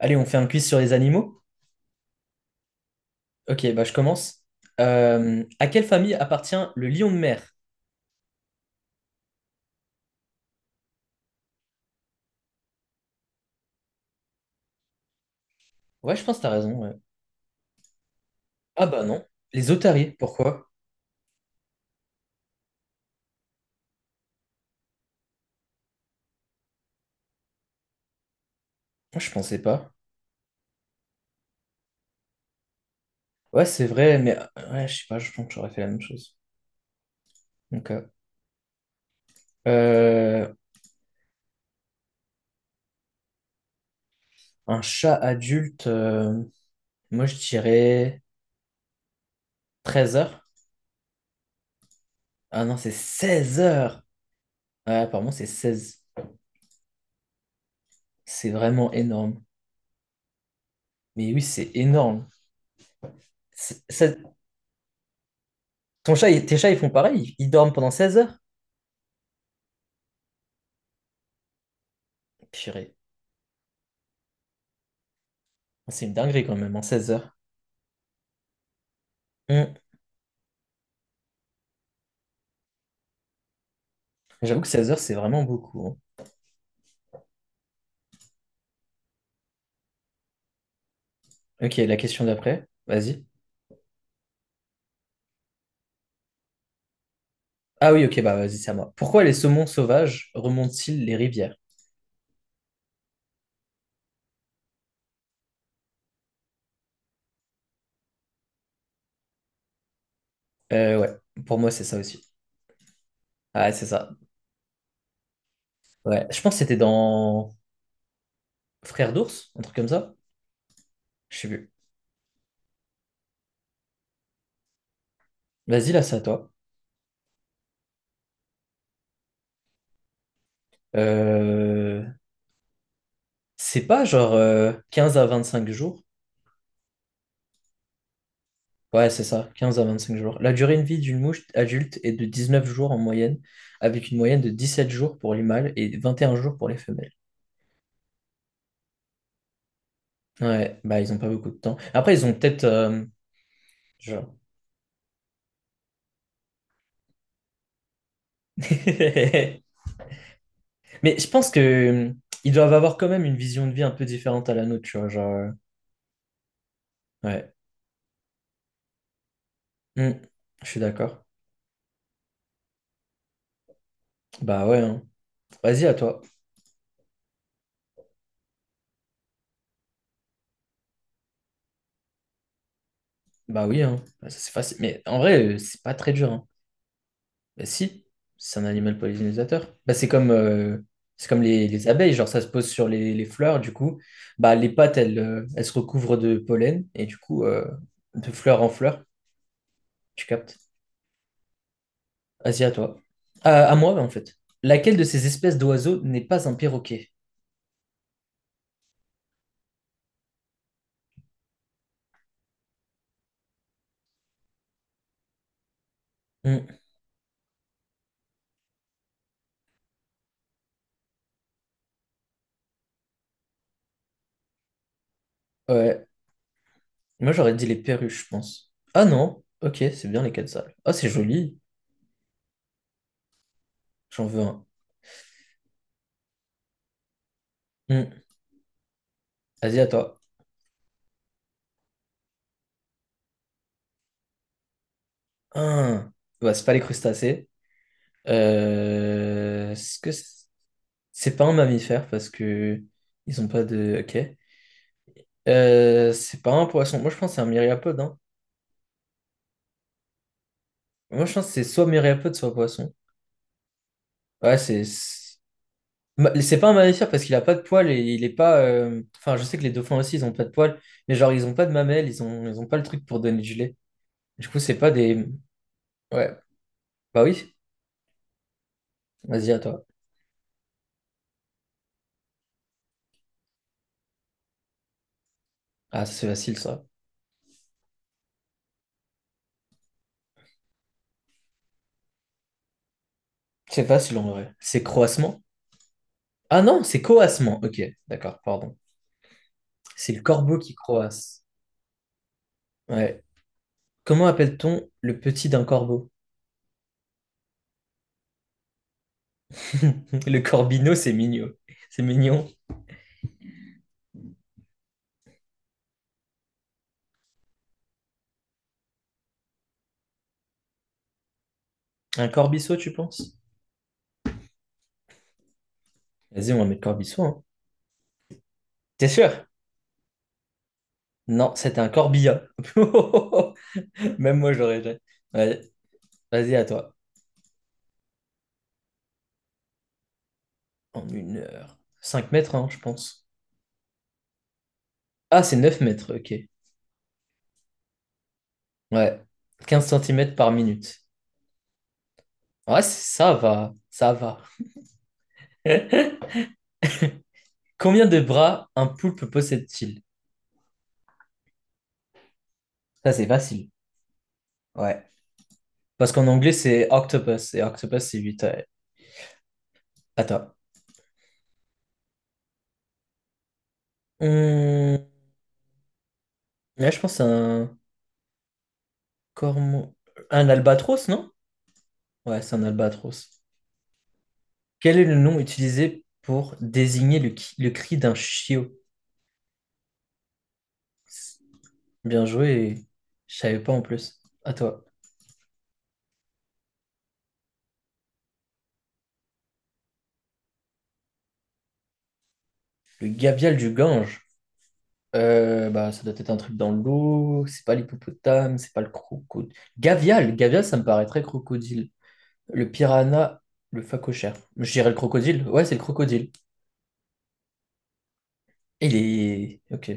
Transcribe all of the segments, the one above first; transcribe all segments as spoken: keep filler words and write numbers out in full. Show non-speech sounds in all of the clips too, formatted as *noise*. Allez, on fait un quiz sur les animaux. Ok, bah je commence. Euh, à quelle famille appartient le lion de mer? Ouais, je pense que t'as raison, ouais. Ah bah non. Les otaries, pourquoi? Moi, je pensais pas. Ouais, c'est vrai, mais euh, ouais, je sais pas, je pense que j'aurais fait la même chose. Donc, euh, euh, un chat adulte, euh, moi je dirais treize heures. Ah non, c'est seize heures. Ouais, apparemment, c'est seize. C'est vraiment énorme. Mais oui, c'est énorme. C'est- ça- Ton chat, il- tes chats, ils font pareil? Ils ils dorment pendant seize heures? Purée. C'est une dinguerie quand même, en seize heures. Hmm. J'avoue que seize heures, c'est vraiment beaucoup, hein. Ok, la question d'après, vas-y. Ah oui, ok, bah vas-y, c'est à moi. Pourquoi les saumons sauvages remontent-ils les rivières? Euh, ouais, pour moi, c'est ça aussi. Ah, ouais, c'est ça. Ouais, je pense que c'était dans Frères d'ours, un truc comme ça. Je sais plus. Vas-y, là, c'est à toi. Euh, C'est pas genre euh, quinze à vingt-cinq jours. Ouais, c'est ça, quinze à vingt-cinq jours. La durée de vie d'une mouche adulte est de dix-neuf jours en moyenne, avec une moyenne de dix-sept jours pour les mâles et vingt et un jours pour les femelles. Ouais, bah ils ont pas beaucoup de temps. Après, ils ont peut-être euh, genre- *laughs* Mais je pense que euh, ils doivent avoir quand même une vision de vie un peu différente à la nôtre, tu vois, genre euh, ouais. Hmm, je suis d'accord. Bah ouais, hein. Vas-y à toi. Bah oui hein. Bah, ça, c'est facile. Mais en vrai, euh, c'est pas très dur hein. Bah si, c'est un animal pollinisateur. Bah c'est comme euh, c'est comme les, les abeilles, genre ça se pose sur les, les fleurs du coup. Bah les pattes elles, euh, elles se recouvrent de pollen et du coup euh, de fleur en fleur, tu captes? Vas-y, à toi. À, à moi, en fait. Laquelle de ces espèces d'oiseaux n'est pas un perroquet? Hmm, ouais. Moi, j'aurais dit les perruches, je pense. Ah non. Ok, c'est bien les quetzals. Ah, c'est joli. J'en veux un. Hmm, Vas-y, à toi. Ah. Bah, c'est pas les crustacés. Euh, Est-ce que c'est c'est pas un mammifère parce que ils ont pas de. Ok. Euh, c'est pas un poisson. Moi, je pense que c'est un myriapode, hein. Moi, je pense que c'est soit myriapode, soit poisson. Ouais, c'est. Ma- C'est pas un mammifère parce qu'il a pas de poils et il est pas, euh, enfin, je sais que les dauphins aussi, ils ont pas de poils, mais genre, ils ont pas de mamelles, ils ont, ils ont pas le truc pour donner du lait. Du coup, c'est pas des. Ouais, bah oui, vas-y à toi. Ah, c'est facile ça. C'est facile en vrai. C'est croassement? Ah non, c'est coassement. Ok, d'accord, pardon. C'est le corbeau qui croasse. Ouais. Comment appelle-t-on le petit d'un corbeau? *laughs* Le corbeau c'est mignon. C'est mignon. Un corbiceau, tu penses? Vas-y, on va mettre corbiceau, hein. T'es sûr? Non, c'était un corbillard. *laughs* Même moi, je l'aurais déjà. Ouais, vas-y, à toi. En une heure, cinq mètres, hein, je pense. Ah, c'est neuf mètres, ok. Ouais. Quinze centimètres par minute. Ouais, c- ça va. Ça va. *laughs* Combien de bras un poulpe possède-t-il? Ça, c'est facile. Ouais. Parce qu'en anglais, c'est octopus. Et octopus, c'est huit, ouais. À toi. Hum, Là, je pense à un cormo- Un albatros, non? Ouais, c'est un albatros. Quel est le nom utilisé pour désigner le, qui- le cri d'un chiot? Bien joué. Je savais pas en plus. À toi. Le gavial du Gange. Euh, bah, ça doit être un truc dans l'eau. C'est pas l'hippopotame, c'est pas le crocodile. Gavial, gavial, ça me paraît très crocodile. Le piranha, le phacochère. Je dirais le crocodile. Ouais, c'est le crocodile. Il est. Ok.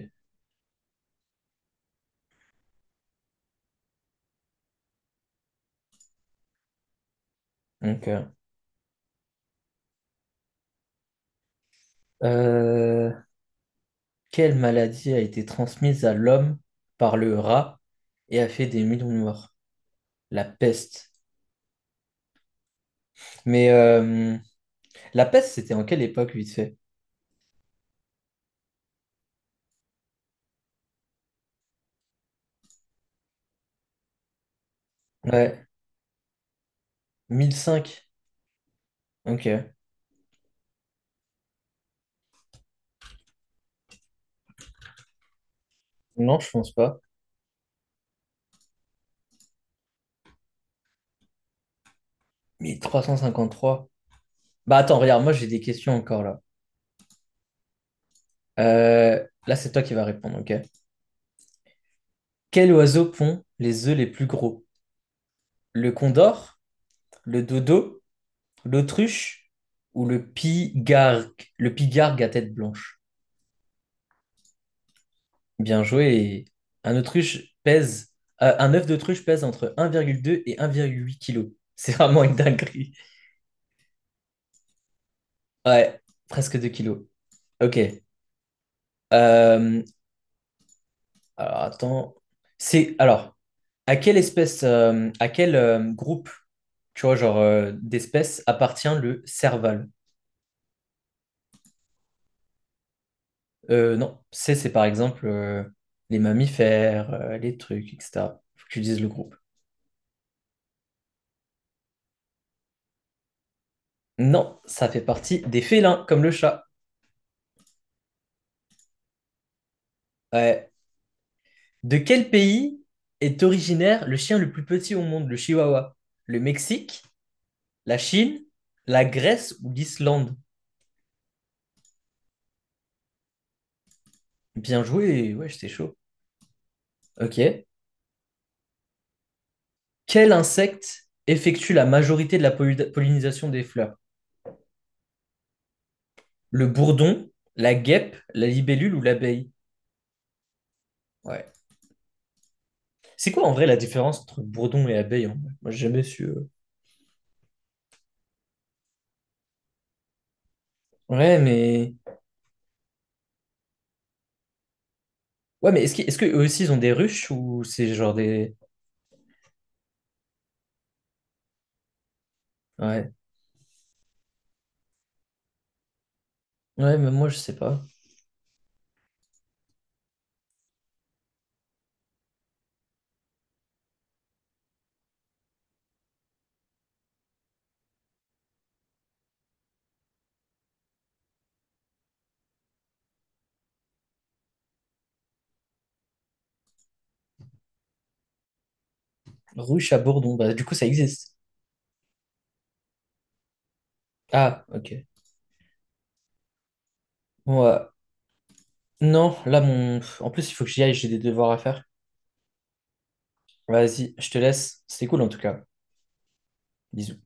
Donc, euh, euh, quelle maladie a été transmise à l'homme par le rat et a fait des millions de morts? La peste. Mais euh, la peste, c'était en quelle époque, vite fait? Ouais. Mille cinq. Ok. Non, je pense pas. Mais trois cent cinquante-trois. Bah attends, regarde, moi j'ai des questions encore là. Euh, là, c'est toi qui vas répondre, ok? Quel oiseau pond les œufs les plus gros? Le condor, le dodo, l'autruche ou le pigargue, le pigargue à tête blanche? Bien joué, et Un autruche pèse, euh, un œuf d'autruche pèse entre un virgule deux et un virgule huit kg. *laughs* C'est vraiment une dinguerie. Ouais, presque deux kilos. Ok. Euh, alors attends. C'est alors. À quelle espèce, euh, à quel euh, groupe, tu vois, genre euh, d'espèces appartient le serval? Euh, non, c'est c'est par exemple euh, les mammifères, euh, les trucs, et cetera. Faut que tu dises le groupe. Non, ça fait partie des félins, comme le chat. Ouais. De quel pays est originaire le chien le plus petit au monde, le chihuahua? Le Mexique, la Chine, la Grèce ou l'Islande? Bien joué, ouais, j'étais chaud. Ok. Quel insecte effectue la majorité de la pollu- pollinisation des fleurs? Le bourdon, la guêpe, la libellule ou l'abeille? Ouais. C'est quoi en vrai la différence entre bourdon et abeille en vrai? Moi, j'ai jamais su. euh. Ouais, mais. Ouais, mais est-ce que, est-ce que eux aussi ils ont des ruches ou c'est genre des. Ouais. Ouais, mais moi, je sais pas. Ruche à bourdon, bah du coup, ça existe. Ah, ok. Bon, euh, non, là, mon. En plus, il faut que j'y aille, j'ai des devoirs à faire. Vas-y, je te laisse. C'était cool en tout cas. Bisous.